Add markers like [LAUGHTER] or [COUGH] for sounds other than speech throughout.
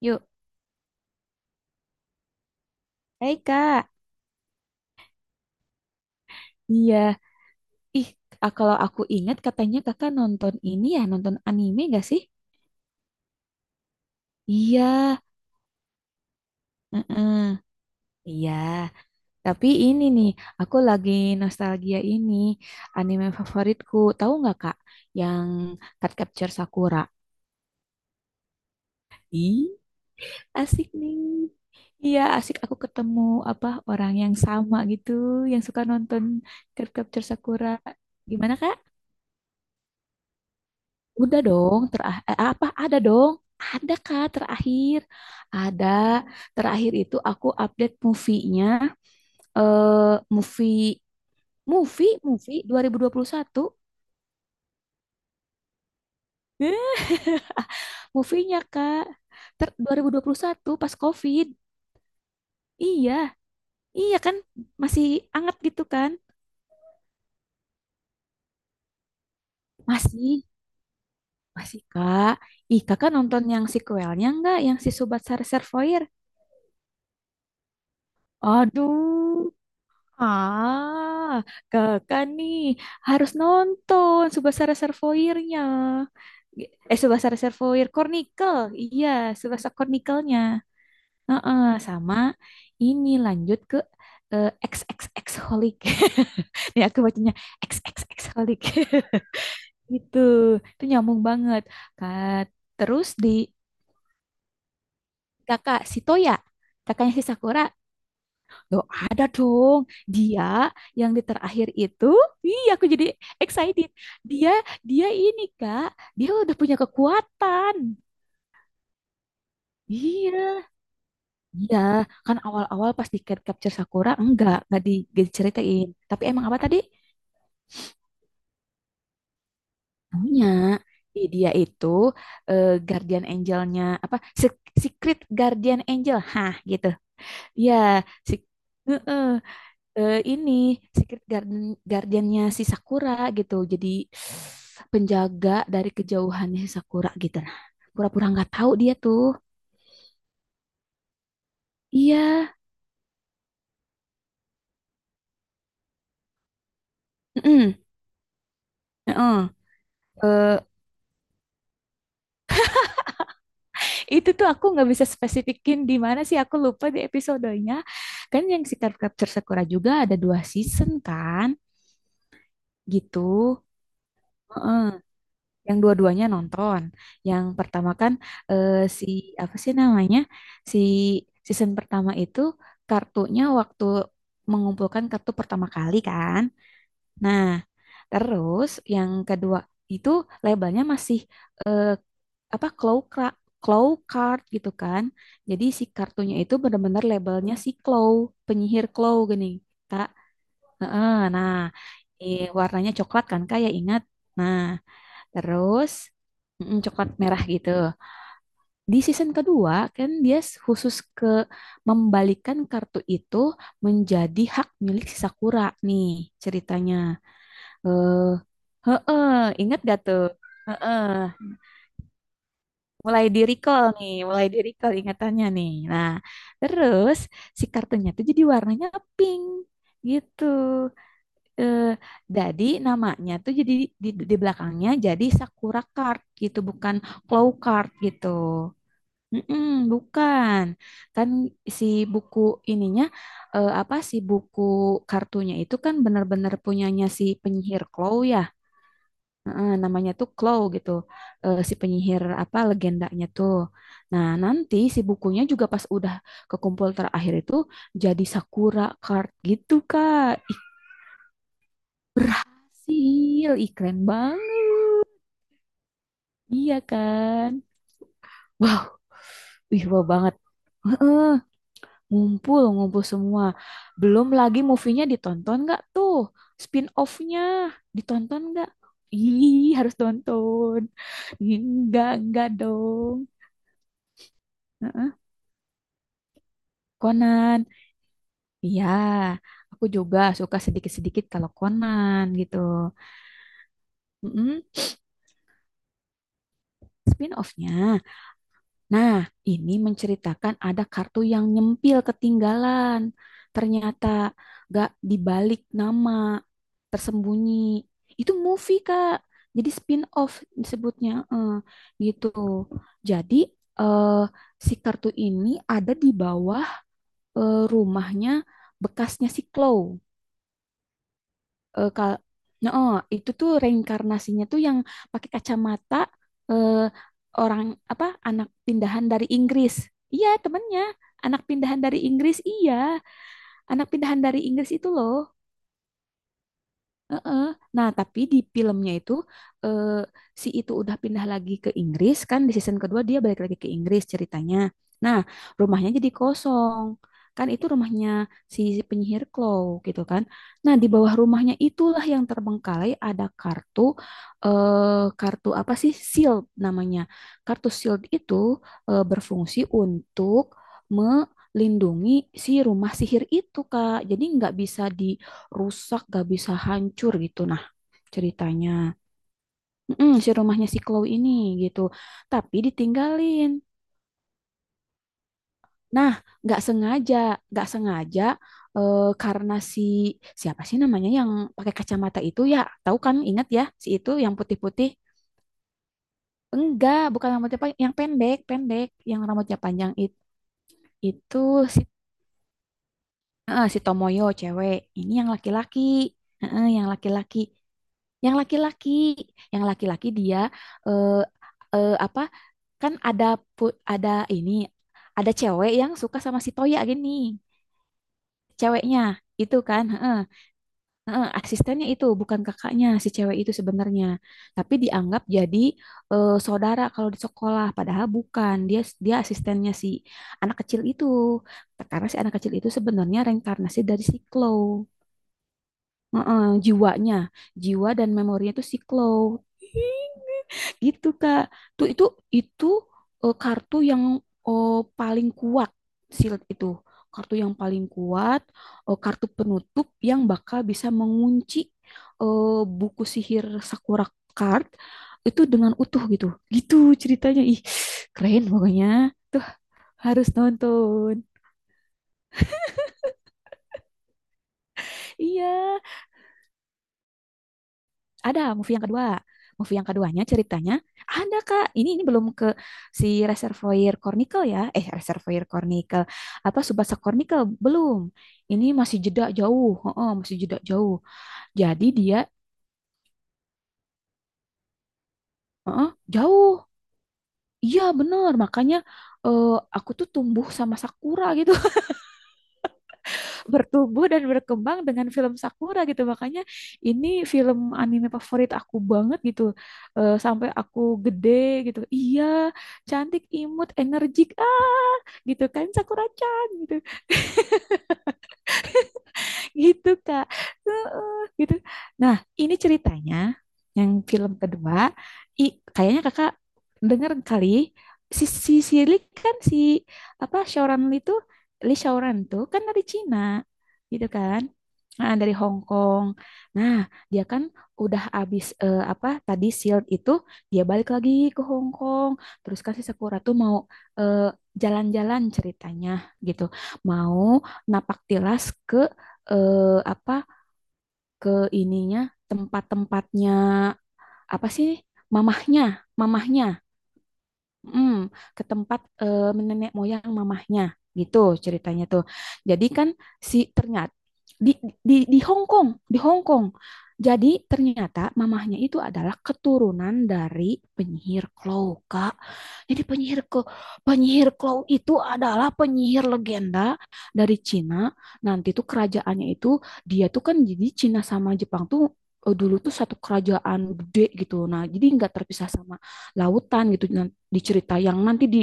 Yuk, hai Kak. Iya, ih Kalau aku ingat katanya kakak nonton ini ya, nonton anime gak sih? Iya, heeh. Iya. Tapi ini nih, aku lagi nostalgia ini anime favoritku. Tahu nggak kak? Yang Card Capture Sakura. Ih, Asik nih. Iya, asik aku ketemu apa orang yang sama gitu, yang suka nonton Card Capture Sakura. Gimana kak? Udah dong, apa ada dong? Ada Kak terakhir? Ada. Terakhir itu aku update eh movie movie 2021. Eh, Movie-nya Kak. 2021 pas COVID. Iya, iya kan masih anget gitu kan? Masih, masih Kak. Ih, Kakak nonton yang sequelnya nggak? Yang si Sobat Sar Servoir? Aduh. Ah, kakak nih harus nonton Subasa Reservoirnya. Subasa Reservoir Chronicle. Iya, Subasa Chronicle-nya. Heeh, sama ini lanjut ke eh, XXX Holic. [LAUGHS] Nih aku bacanya XXX Holic. [LAUGHS] Gitu, itu nyambung banget. Kak, terus di kakak si Toya, kakaknya si Sakura. Loh, ada dong. Dia yang di terakhir itu, iya aku jadi excited. Dia dia ini Kak, dia udah punya kekuatan. Iya, iya. Kan awal-awal pas di Cat Capture Sakura enggak diceritain. Tapi emang apa tadi? Punya. Ih, dia itu Guardian Angelnya apa? Secret Guardian Angel, hah gitu. Iya, si heeh. Ini secret garden guardiannya si Sakura gitu. Jadi penjaga dari kejauhannya si Sakura gitu. Nah, pura-pura nggak tahu dia tuh. Iya. mm-mm, mm Eh, itu tuh aku nggak bisa spesifikin di mana sih aku lupa di episodenya. Kan yang Secret Capture Sakura juga ada dua season kan, gitu. Heeh. Yang dua-duanya nonton. Yang pertama kan eh, si apa sih namanya? Si season pertama itu kartunya waktu mengumpulkan kartu pertama kali kan. Nah, terus yang kedua itu labelnya masih eh, apa claw card gitu kan. Jadi si kartunya itu benar-benar labelnya si claw, penyihir claw gini, Kak. Heeh, Nah, warnanya coklat kan Kak ya ingat. Nah, terus coklat merah gitu. Di season kedua kan dia khusus ke membalikan kartu itu menjadi hak milik si Sakura nih ceritanya. Eh, heeh, ingat gak tuh? Heeh, mulai di recall nih, mulai di recall ingatannya nih. Nah, terus si kartunya tuh jadi warnanya pink gitu. Eh, jadi namanya tuh jadi di belakangnya jadi Sakura Card gitu, bukan Claw Card gitu. Mm-mm, bukan. Kan si buku ininya apa sih buku kartunya itu kan benar-benar punyanya si penyihir Claw ya. Heeh, namanya tuh Claw gitu. Eh, si penyihir apa legendanya tuh. Nah, nanti si bukunya juga pas udah kekumpul terakhir itu jadi Sakura Card gitu, Kak. Ih keren banget. Iya kan? Wow, wih wow banget. Heeh, ngumpul, ngumpul semua. Belum lagi movie-nya ditonton nggak tuh? Spin-off-nya ditonton nggak? Ih, harus tonton. Enggak dong. Conan, iya. Aku juga suka sedikit-sedikit kalau Conan gitu. Mm-mm, spin-off-nya. Nah, ini menceritakan ada kartu yang nyempil ketinggalan. Ternyata gak dibalik nama, tersembunyi. Itu movie, Kak. Jadi spin-off disebutnya. Gitu. Jadi eh, si kartu ini ada di bawah rumahnya bekasnya si Chloe. Eh, kal nah, oh, itu tuh reinkarnasinya tuh yang pakai kacamata eh, orang apa anak pindahan dari Inggris. Iya, temennya anak pindahan dari Inggris. Iya, anak pindahan dari Inggris itu loh. Heeh. Nah, tapi di filmnya itu eh, si itu udah pindah lagi ke Inggris kan di season kedua dia balik lagi ke Inggris ceritanya. Nah, rumahnya jadi kosong. Kan itu rumahnya si penyihir Claw gitu kan. Nah, di bawah rumahnya itulah yang terbengkalai ada kartu eh kartu apa sih? Shield namanya. Kartu shield itu berfungsi untuk melindungi si rumah sihir itu, Kak. Jadi nggak bisa di rusak, gak bisa hancur gitu. Nah, ceritanya mm-mm, si rumahnya si Chloe ini gitu, tapi ditinggalin. Nah, gak sengaja, gak sengaja karena si siapa sih namanya yang pakai kacamata itu ya, tahu kan? Ingat ya, si itu yang putih-putih. Enggak, bukan rambutnya panjang, pendek, yang rambutnya panjang it- itu si si Tomoyo cewek. Ini yang laki-laki, heeh, yang laki-laki. Yang laki-laki, yang laki-laki dia eh, eh, apa kan ada pu- ada ini ada cewek yang suka sama si Toya gini. Ceweknya itu kan, heeh, heeh, asistennya itu bukan kakaknya si cewek itu sebenarnya. Tapi dianggap jadi saudara kalau di sekolah padahal bukan. Dia Dia asistennya si anak kecil itu. Karena si anak kecil itu sebenarnya reinkarnasi dari si Claw. Heeh, jiwanya, jiwa dan memorinya itu si Claw. [LAUGHS] Gitu Kak. Tuh itu Eh, kartu yang eh, paling kuat shield itu. Kartu yang paling kuat, kartu penutup yang bakal bisa mengunci eh, buku sihir Sakura Card itu dengan utuh gitu. Gitu ceritanya. Ih, keren pokoknya. Harus nonton. Iya, ada movie yang kedua. Movie yang keduanya ceritanya ada Kak. Ini belum ke si Reservoir Cornicle ya. Eh Reservoir Cornicle apa Tsubasa Chronicle belum. Ini masih jeda jauh. Heeh, masih jeda jauh. Jadi dia heeh, jauh. Iya bener makanya eh, aku tuh tumbuh sama Sakura gitu. Bertumbuh dan berkembang dengan film Sakura gitu. Makanya ini film anime favorit aku banget gitu. Eh, sampai aku gede gitu. Iya, cantik, imut, energik. Ah, gitu kan Sakura-chan gitu gitu Kak. Heeh, gitu. Nah, ini ceritanya yang film kedua, kayaknya Kakak denger kali si si si Lee kan si apa Shaoran Lee tuh Lee Shaoran tuh kan dari Cina gitu kan. Nah, dari Hong Kong. Nah, dia kan udah abis apa tadi Shield itu dia balik lagi ke Hong Kong. Terus kan si Sakura tuh mau eh, jalan-jalan ceritanya gitu. Mau napak tilas ke eh, apa ke ininya tempat-tempatnya apa sih mamahnya mamahnya mm, ke tempat nenek moyang mamahnya gitu ceritanya tuh. Jadi kan si ternyata di di Hong Kong, di Hong Kong. Jadi ternyata mamahnya itu adalah keturunan dari penyihir Claw, Kak. Jadi penyihir ke Penyihir Claw itu adalah penyihir legenda dari Cina. Nanti tuh kerajaannya itu dia tuh kan jadi Cina sama Jepang tuh dulu tuh satu kerajaan gede gitu. Nah, jadi nggak terpisah sama lautan gitu. Nah, di cerita yang nanti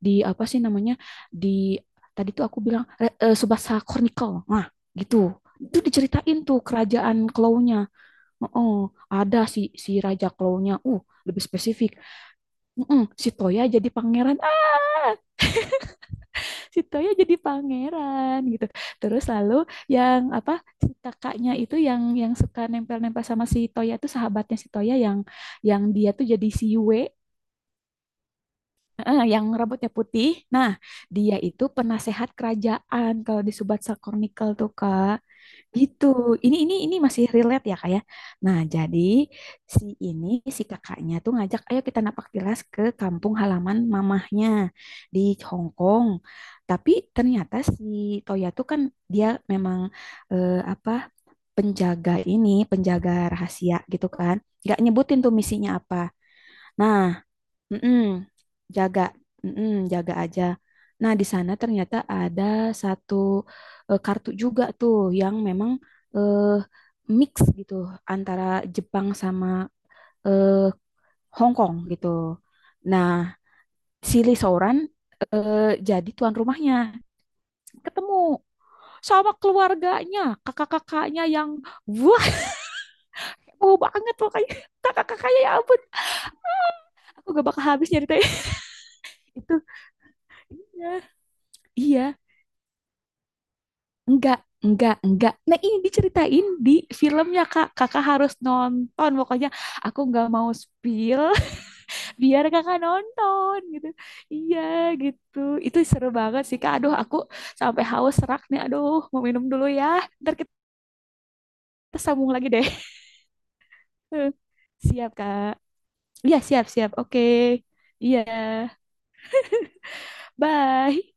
di apa sih namanya di tadi tuh aku bilang Subasa Chronicle nah gitu itu diceritain tuh kerajaan Klaunya oh ada si si raja Klaunya lebih spesifik mm si Toya jadi pangeran ah si Toya jadi pangeran gitu terus lalu yang apa si kakaknya itu yang suka nempel-nempel sama si Toya itu sahabatnya si Toya yang dia tuh jadi si Yue heeh, yang rambutnya putih. Nah, dia itu penasehat kerajaan kalau di Subatsa Chronicle tuh Kak. Gitu. Ini masih relate ya Kak ya. Nah, jadi si ini si kakaknya tuh ngajak ayo kita napak tilas ke kampung halaman mamahnya di Hong Kong. Tapi ternyata si Toya tuh kan dia memang eh, apa penjaga ini, penjaga rahasia gitu kan. Gak nyebutin tuh misinya apa. Nah, mm-mm, jaga, mm-mm, jaga aja. Nah, di sana ternyata ada satu kartu juga tuh yang memang eh, mix gitu antara Jepang sama eh, Hong Kong gitu. Nah, si Lee Sooran eh, jadi tuan rumahnya. Ketemu sama keluarganya, kakak-kakaknya yang wah, [LAUGHS] mau banget pokoknya. Kakak-kakaknya ya ampun, aku gak bakal habis nyeritain [LAUGHS] itu. Iya, iya. Enggak, enggak, enggak. Nah, ini diceritain di filmnya, Kak. Kakak harus nonton. Pokoknya aku nggak mau spill [LAUGHS] biar kakak nonton gitu. Iya, gitu. Itu seru banget sih, Kak. Aduh, aku sampai haus serak nih. Aduh, mau minum dulu ya. Ntar kita sambung lagi deh. [LAUGHS] Siap, Kak. Iya, siap, siap. Oke. Iya. Bye.